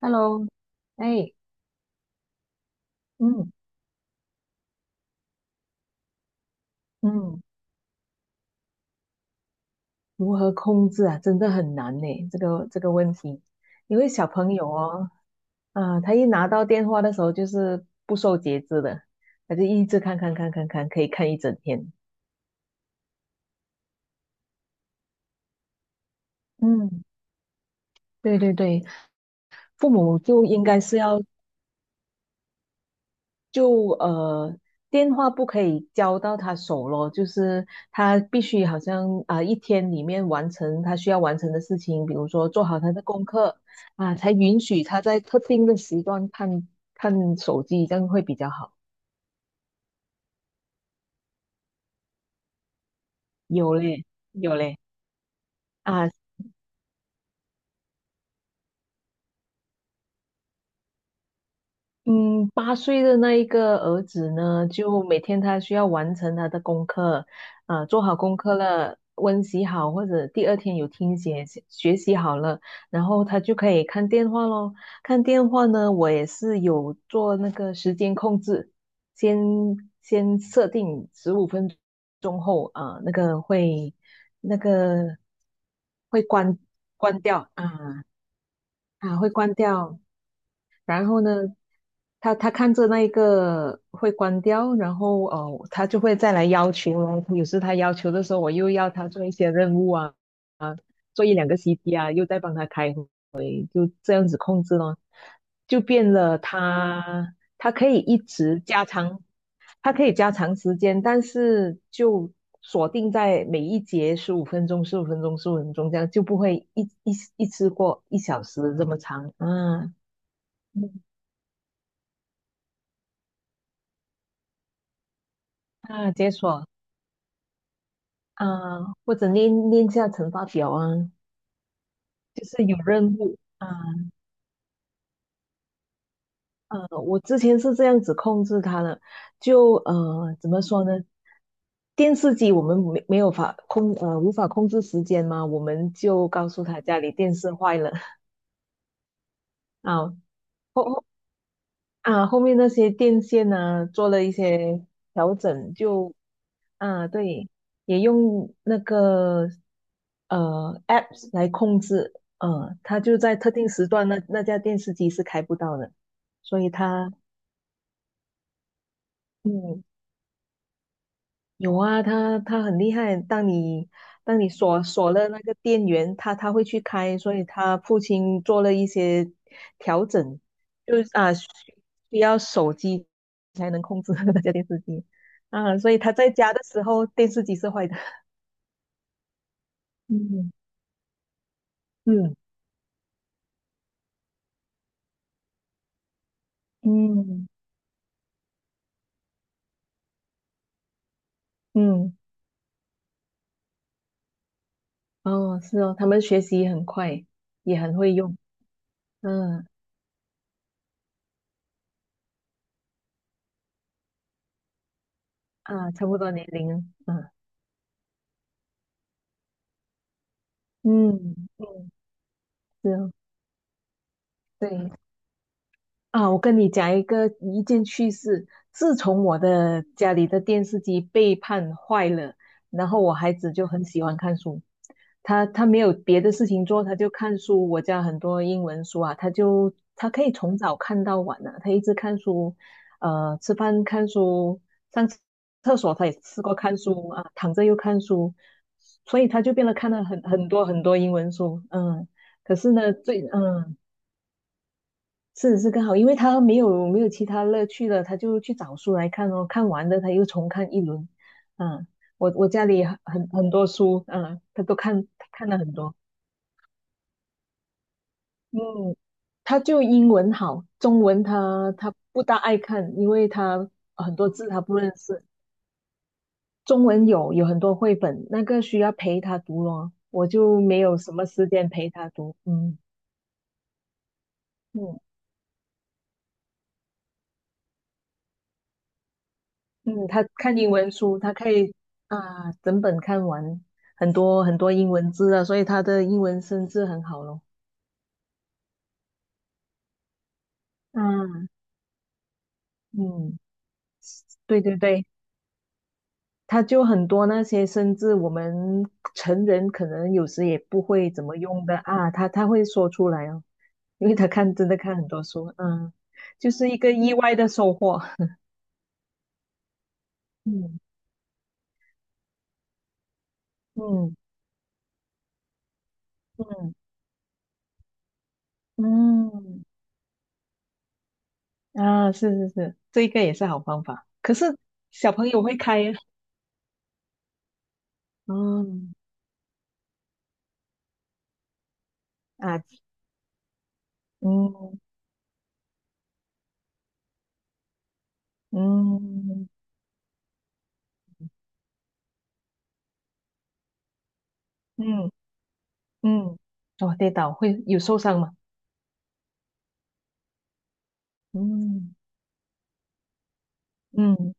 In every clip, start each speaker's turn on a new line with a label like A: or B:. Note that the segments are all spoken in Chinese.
A: Hello，哎，嗯嗯，如何控制啊，真的很难呢。这个问题，因为小朋友哦，啊，他一拿到电话的时候就是不受节制的，他就一直看看看看看，可以看一整天。嗯，对对对，父母就应该是要就电话不可以交到他手咯，就是他必须好像啊、一天里面完成他需要完成的事情，比如说做好他的功课啊，才允许他在特定的时段看看手机，这样会比较好。有嘞，有嘞。啊。嗯，8岁的那一个儿子呢，就每天他需要完成他的功课，啊、做好功课了，温习好，或者第二天有听写学习好了，然后他就可以看电话咯。看电话呢，我也是有做那个时间控制，先先设定十五分钟后啊、那个会关掉会关掉。然后呢，他看着那一个会关掉，然后哦，他就会再来要求咯。有时他要求的时候，我又要他做一些任务啊，啊，做一两个 CT 啊，又在帮他开会这样子控制咯，就变了他可以一直加长，他可以加长时间，但是就锁定在每一节15分钟、15分钟、15分钟这样，就不会一次过1小时这么长啊。嗯啊，解锁啊、或者练练下乘法表啊，就是有任务啊，呃，我之前是这样子控制他的，就怎么说呢？电视机我们没有法控，无法控制时间嘛，我们就告诉他家里电视坏了 啊，啊，后面那些电线呢，做了一些调整就，啊，对，也用那个apps 来控制，呃，它就在特定时段那架电视机是开不到的，所以它嗯有啊，他很厉害。当你当你锁了那个电源，他会去开，所以他父亲做了一些调整，就是啊需要手机才能控制 那家电视机啊，所以他在家的时候电视机是坏的。嗯嗯嗯嗯，哦，是哦，他们学习很快，也很会用。嗯啊，差不多年龄了。嗯嗯嗯，是哦，对。啊，我跟你讲一件趣事。自从我的家里的电视机被判坏了，然后我孩子就很喜欢看书。他没有别的事情做，他就看书。我家很多英文书啊，他就他可以从早看到晚啊，他一直看书，呃，吃饭看书，上厕所他也吃过看书啊，躺着又看书，所以他就变得看了很多很多英文书。嗯，可是呢，是更好，因为他没有其他乐趣了，他就去找书来看哦，看完了，他又重看一轮。嗯，我家里很多书，嗯，他都看了很多。嗯，他就英文好，中文他不大爱看，因为他很多字他不认识。中文有很多绘本，那个需要陪他读咯，我就没有什么时间陪他读。嗯嗯。嗯，他看英文书，他可以啊整本看完很多很多英文字啊，所以他的英文生字很好咯。嗯嗯，对对对，他就很多那些生字，我们成人可能有时也不会怎么用的啊，他会说出来哦，因为他看真的看很多书，嗯，就是一个意外的收获。嗯嗯嗯嗯，啊，是是是，这一个也是好方法。可是小朋友会开呀，嗯啊，嗯嗯嗯嗯，哦，跌倒会有受伤吗？嗯嗯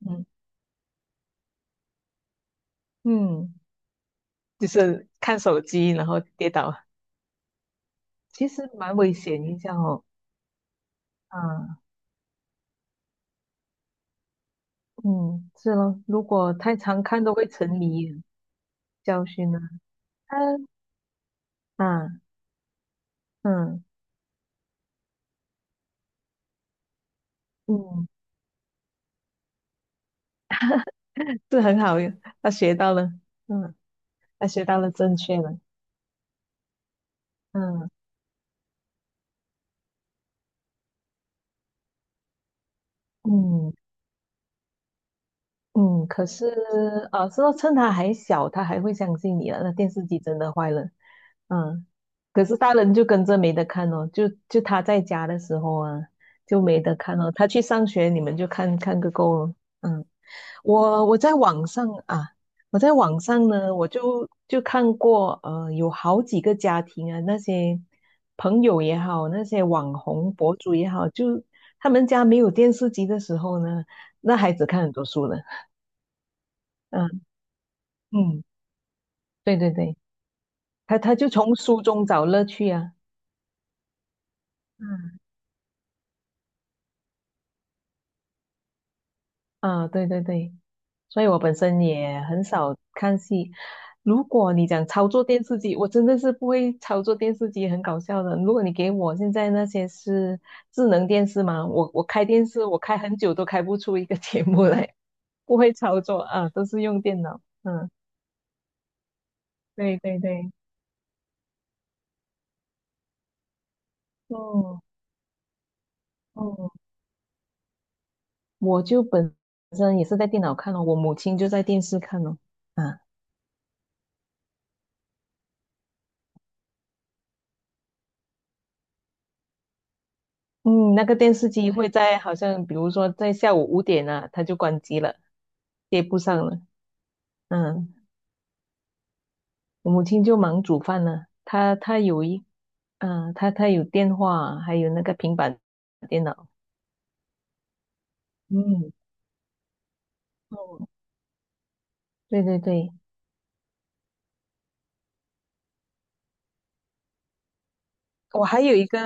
A: 嗯嗯，就是看手机然后跌倒，其实蛮危险一下哦。啊，嗯，是咯，如果太常看都会沉迷啊教训呢。啊啊嗯嗯，是很好，他学到了，嗯，他学到了正确的，嗯嗯。嗯，可是啊，是说趁他还小，他还会相信你啊。那电视机真的坏了，嗯，可是大人就跟着没得看哦，就他在家的时候啊，就没得看哦。他去上学，你们就看看个够了。嗯，我在网上啊，我在网上呢，我就看过，呃，有好几个家庭啊，那些朋友也好，那些网红博主也好，就他们家没有电视机的时候呢，那孩子看很多书呢。嗯嗯，对对对，他就从书中找乐趣啊。嗯啊，对对对，所以我本身也很少看戏。如果你讲操作电视机，我真的是不会操作电视机，很搞笑的。如果你给我现在那些是智能电视嘛，我开电视，我开很久都开不出一个 节目来，不会操作啊，都是用电脑。嗯，对对对，哦哦，我就本身也是在电脑看哦，我母亲就在电视看哦。啊。嗯，那个电视机会在好像比如说在下午5点啊，它就关机了，接不上了。嗯，我母亲就忙煮饭了，她她有一，嗯、她她有电话，还有那个平板电脑。嗯，哦，对对对，我还有一个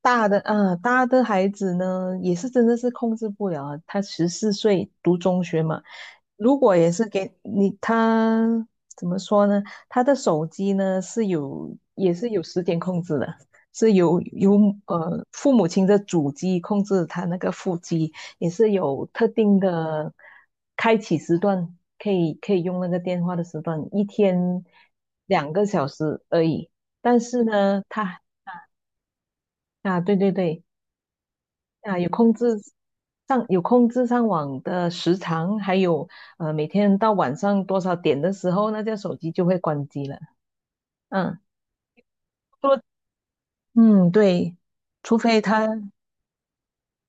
A: 大的，嗯，大的孩子呢，也是真的是控制不了啊他14岁读中学嘛，如果也是给你，他怎么说呢？他的手机呢是有，也是有时间控制的，是有父母亲的主机控制他那个副机，也是有特定的开启时段，可以用那个电话的时段，一天2个小时而已。但是呢，他啊，对对对，啊，有控制上网的时长，还有呃每天到晚上多少点的时候，那这手机就会关机了。嗯，说嗯对，除非他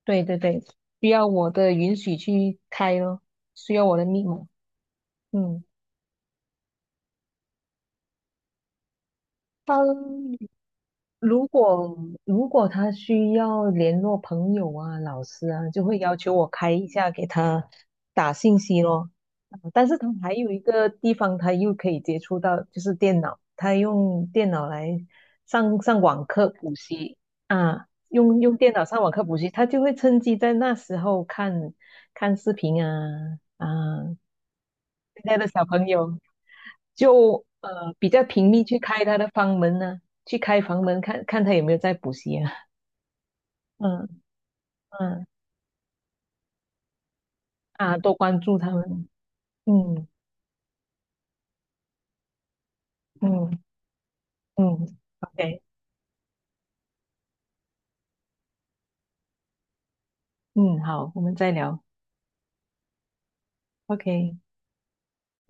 A: 对对对需要我的允许去开咯，需要我的密码。嗯，好，如果如果他需要联络朋友啊、老师啊，就会要求我开一下给他打信息咯。嗯但是他还有一个地方，他又可以接触到，就是电脑，他用电脑来上网课补习啊，用电脑上网课补习，他就会趁机在那时候看看视频啊啊，现在的小朋友就呃比较频密去开他的房门呢、去开房门看看他有没有在补习啊，嗯嗯啊，多关注他们，嗯嗯嗯，OK，嗯好，我们再聊，OK。